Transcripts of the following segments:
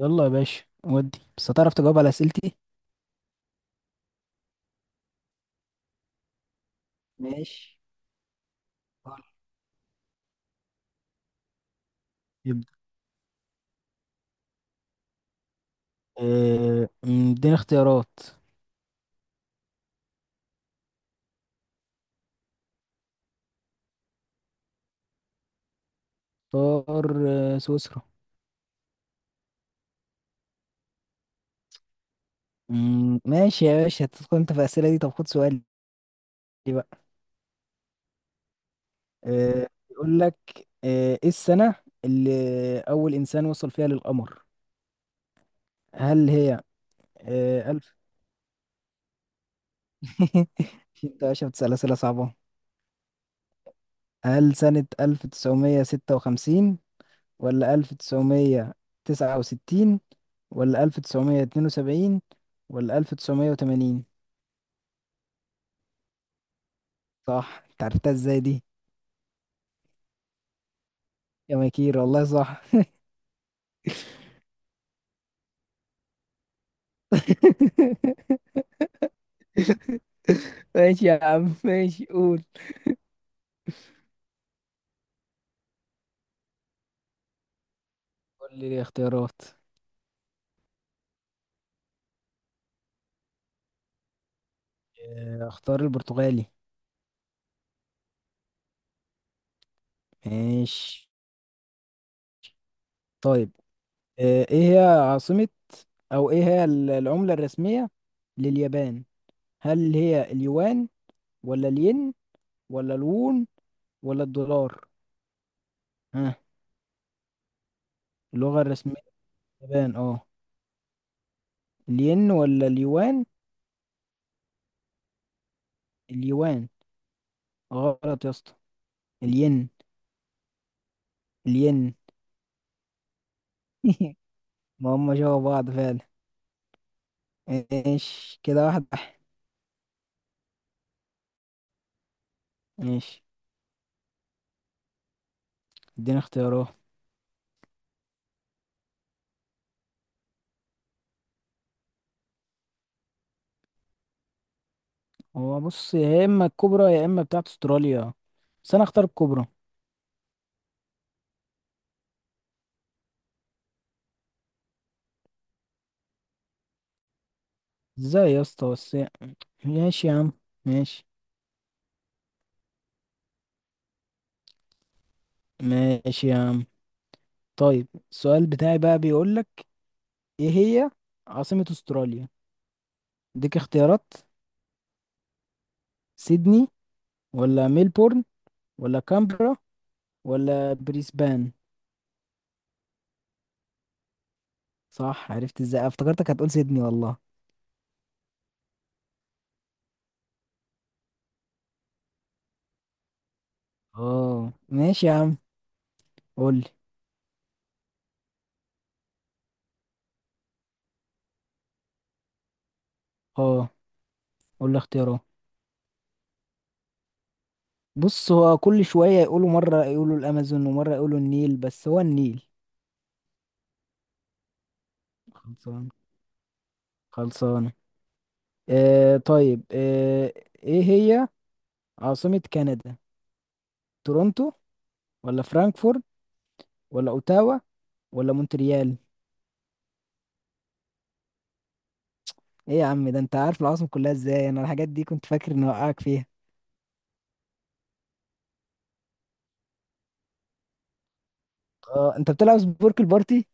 يلا يا باشا، ودي بس هتعرف تجاوب على اسئلتي؟ ماشي. طيب. يبدأ. آه، أمم، اديني اختيارات. اختار سويسرا. ماشي يا باشا، هتدخل انت في الاسئله دي. طب خد سؤالي بقى. يقول لك ايه السنه اللي اول انسان وصل فيها للقمر؟ هل هي الف. انت يا باشا بتسال اسئله صعبه. هل سنه 1956، ولا ألف تسعمية تسعة وستين، ولا ألف تسعمية اتنين وسبعين، ولا ألف تسعمية وتمانين؟ صح، انت عرفتها ازاي دي؟ يا مكير، والله صح. ماشي يا عم، ماشي، قول. قول لي الاختيارات. اختار البرتغالي. ماشي. طيب، ايه هي عاصمة، او ايه هي العملة الرسمية لليابان؟ هل هي اليوان، ولا الين، ولا الوون، ولا الدولار؟ ها؟ اللغة الرسمية اليابان، اه. الين ولا اليوان؟ اليوان. غلط يا اسطى. الين الين. ما هم جوا بعض فعلا. ايش كده، واحد واحد. ماشي. اديني اختيارات. هو بص، يا اما الكبرى يا اما بتاعت استراليا، بس انا اختار الكبرى. ازاي يا اسطى بس! ماشي يا عم. ماشي ماشي يا عم. طيب السؤال بتاعي بقى بيقول لك ايه هي عاصمة استراليا. اديك اختيارات: سيدني، ولا ميلبورن، ولا كامبرا، ولا بريسبان؟ صح! عرفت ازاي؟ افتكرتك هتقول سيدني والله. اه ماشي يا عم. قول لي اه قول لي اختياره. بص، هو كل شوية يقولوا مرة يقولوا الأمازون ومرة يقولوا النيل، بس هو النيل. خلصان. خلصانة. طيب، ايه هي عاصمة كندا؟ تورونتو، ولا فرانكفورت، ولا اوتاوا، ولا مونتريال؟ ايه يا عم، ده انت عارف العاصمة كلها ازاي؟ انا الحاجات دي كنت فاكر اني اوقعك فيها. اه، انت بتلعب سبورك البارتي؟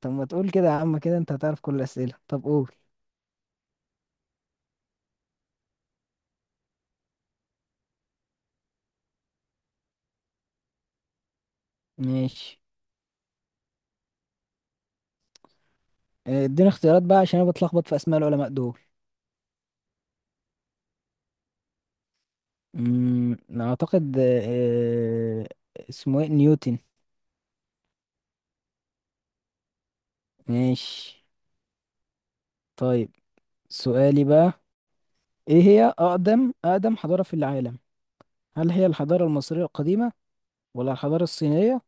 طب ما تقول كده يا عم، كده انت هتعرف كل الأسئلة. طب قول. ماشي. اديني اختيارات بقى، عشان انا بتلخبط في اسماء العلماء دول. اعتقد آه، آه، اسمه ايه نيوتن. ماشي. طيب سؤالي بقى: ايه هي اقدم حضارة في العالم؟ هل هي الحضارة المصرية القديمة، ولا الحضارة الصينية،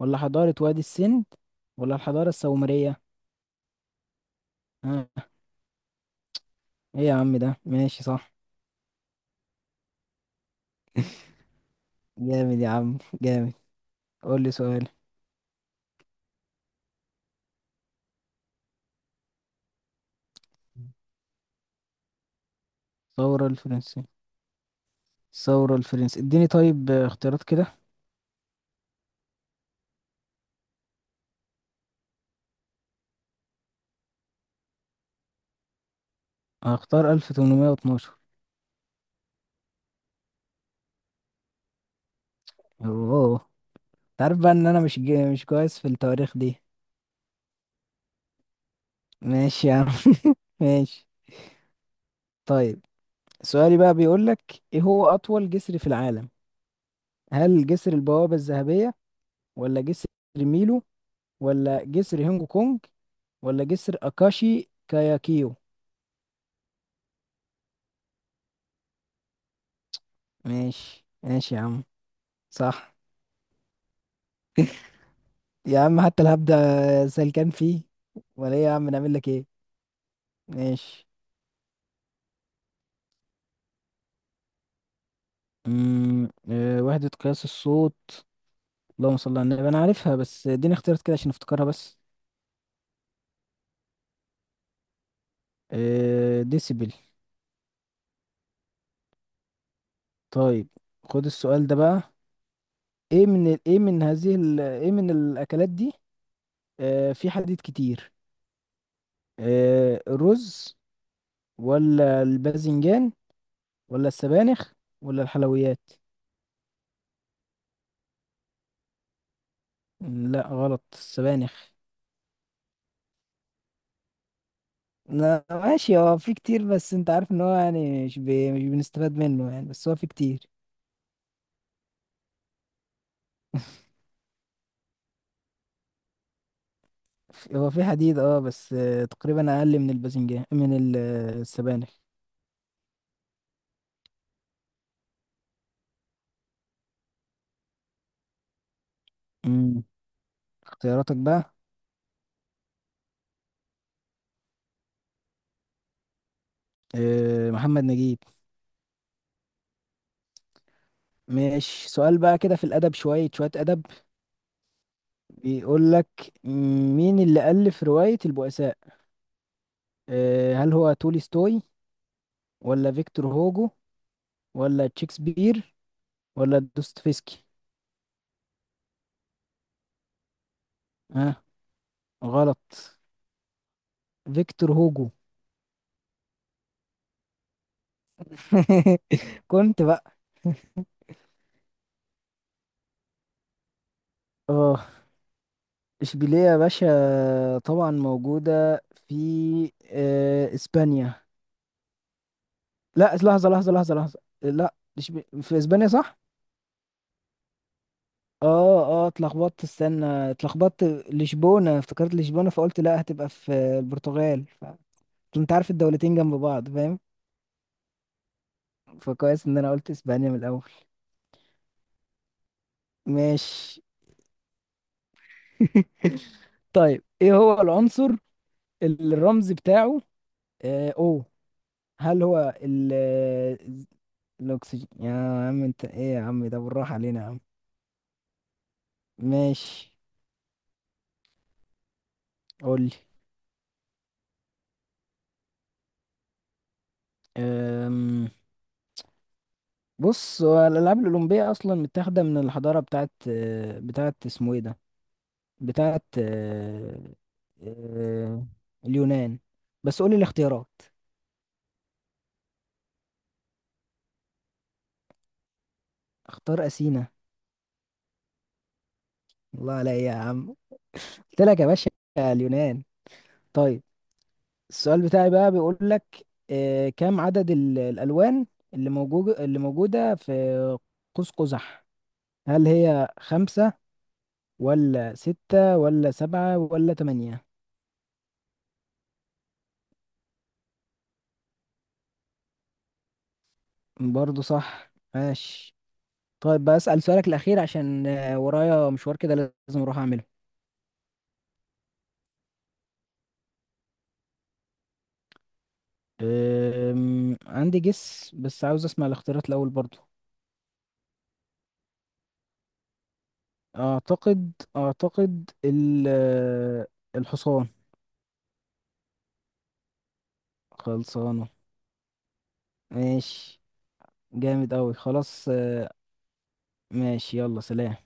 ولا حضارة وادي السند، ولا الحضارة السومرية؟ ها؟ ايه يا عم ده؟ ماشي، صح. جامد يا عم، جامد. قول لي سؤال. الثورة الفرنسية الثورة الفرنسية اديني طيب اختيارات كده. هختار 1812. اوه. انت عارف بقى ان انا مش كويس في التواريخ دي. ماشي يا عم. ماشي. طيب سؤالي بقى بيقول لك ايه هو اطول جسر في العالم؟ هل جسر البوابة الذهبية، ولا جسر ميلو، ولا جسر هونج كونج، ولا جسر اكاشي كاياكيو؟ ماشي يا عم. صح. يا عم، حتى الهبدة سلكان فيه. ولا ايه يا عم، نعمل لك ايه؟ ماشي. وحدة قياس الصوت. اللهم صل على النبي، انا عارفها، بس اديني اختيارات كده عشان افتكرها بس. ديسيبل. طيب، خد السؤال ده بقى. ايه من ال- ايه من هذه ال- ايه من الاكلات دي في حديد كتير؟ الرز، ولا الباذنجان، ولا السبانخ، ولا الحلويات؟ لا غلط، السبانخ. لا ماشي، هو في كتير، بس انت عارف ان هو يعني مش بنستفاد منه يعني، بس هو في كتير. هو في حديد اه، بس تقريبا اقل من الباذنجان، من السبانخ. امم. اختياراتك بقى؟ محمد نجيب. ماشي. سؤال بقى كده في الادب، شويه ادب. بيقول لك مين اللي الف روايه البؤساء؟ هل هو تولستوي، ولا فيكتور هوجو، ولا شكسبير، ولا دوستويفسكي؟ ها؟ آه غلط، فيكتور هوجو. كنت بقى. اه، اشبيلية يا باشا طبعا موجودة في اسبانيا. لا، لحظة، لا. في اسبانيا صح؟ اه اه، اتلخبطت، استنى اتلخبطت. لشبونة، افتكرت لشبونة، فقلت لا هتبقى في البرتغال انت عارف الدولتين جنب بعض، فاهم؟ فكويس ان انا قلت اسبانيا من الاول. ماشي. طيب، ايه هو العنصر اللي الرمز بتاعه او؟ هل هو الأكسجين؟ يا عم، أنت إيه يا عم، ده بالراحة علينا يا عم. ماشي. قولي. أم... بص، هو الألعاب الأولمبية أصلا متاخدة من الحضارة بتاعت آه، بتاعت اسمه إيه ده بتاعت آه، آه، اليونان. بس قولي الاختيارات. اختار أثينا. الله عليا يا عم. قلت لك يا باشا، اليونان. طيب السؤال بتاعي بقى بيقول لك كم عدد الألوان اللي موجودة في قوس قزح؟ هل هي خمسة، ولا ستة، ولا سبعة، ولا تمانية؟ برضو صح. ماشي. طيب بسأل سؤالك الأخير عشان ورايا مشوار كده لازم أروح أعمله. عندي جس، بس عاوز أسمع الاختيارات الأول برضو. أعتقد الحصان. خلصانه. ماشي. جامد أوي. خلاص ماشي، يلا سلام.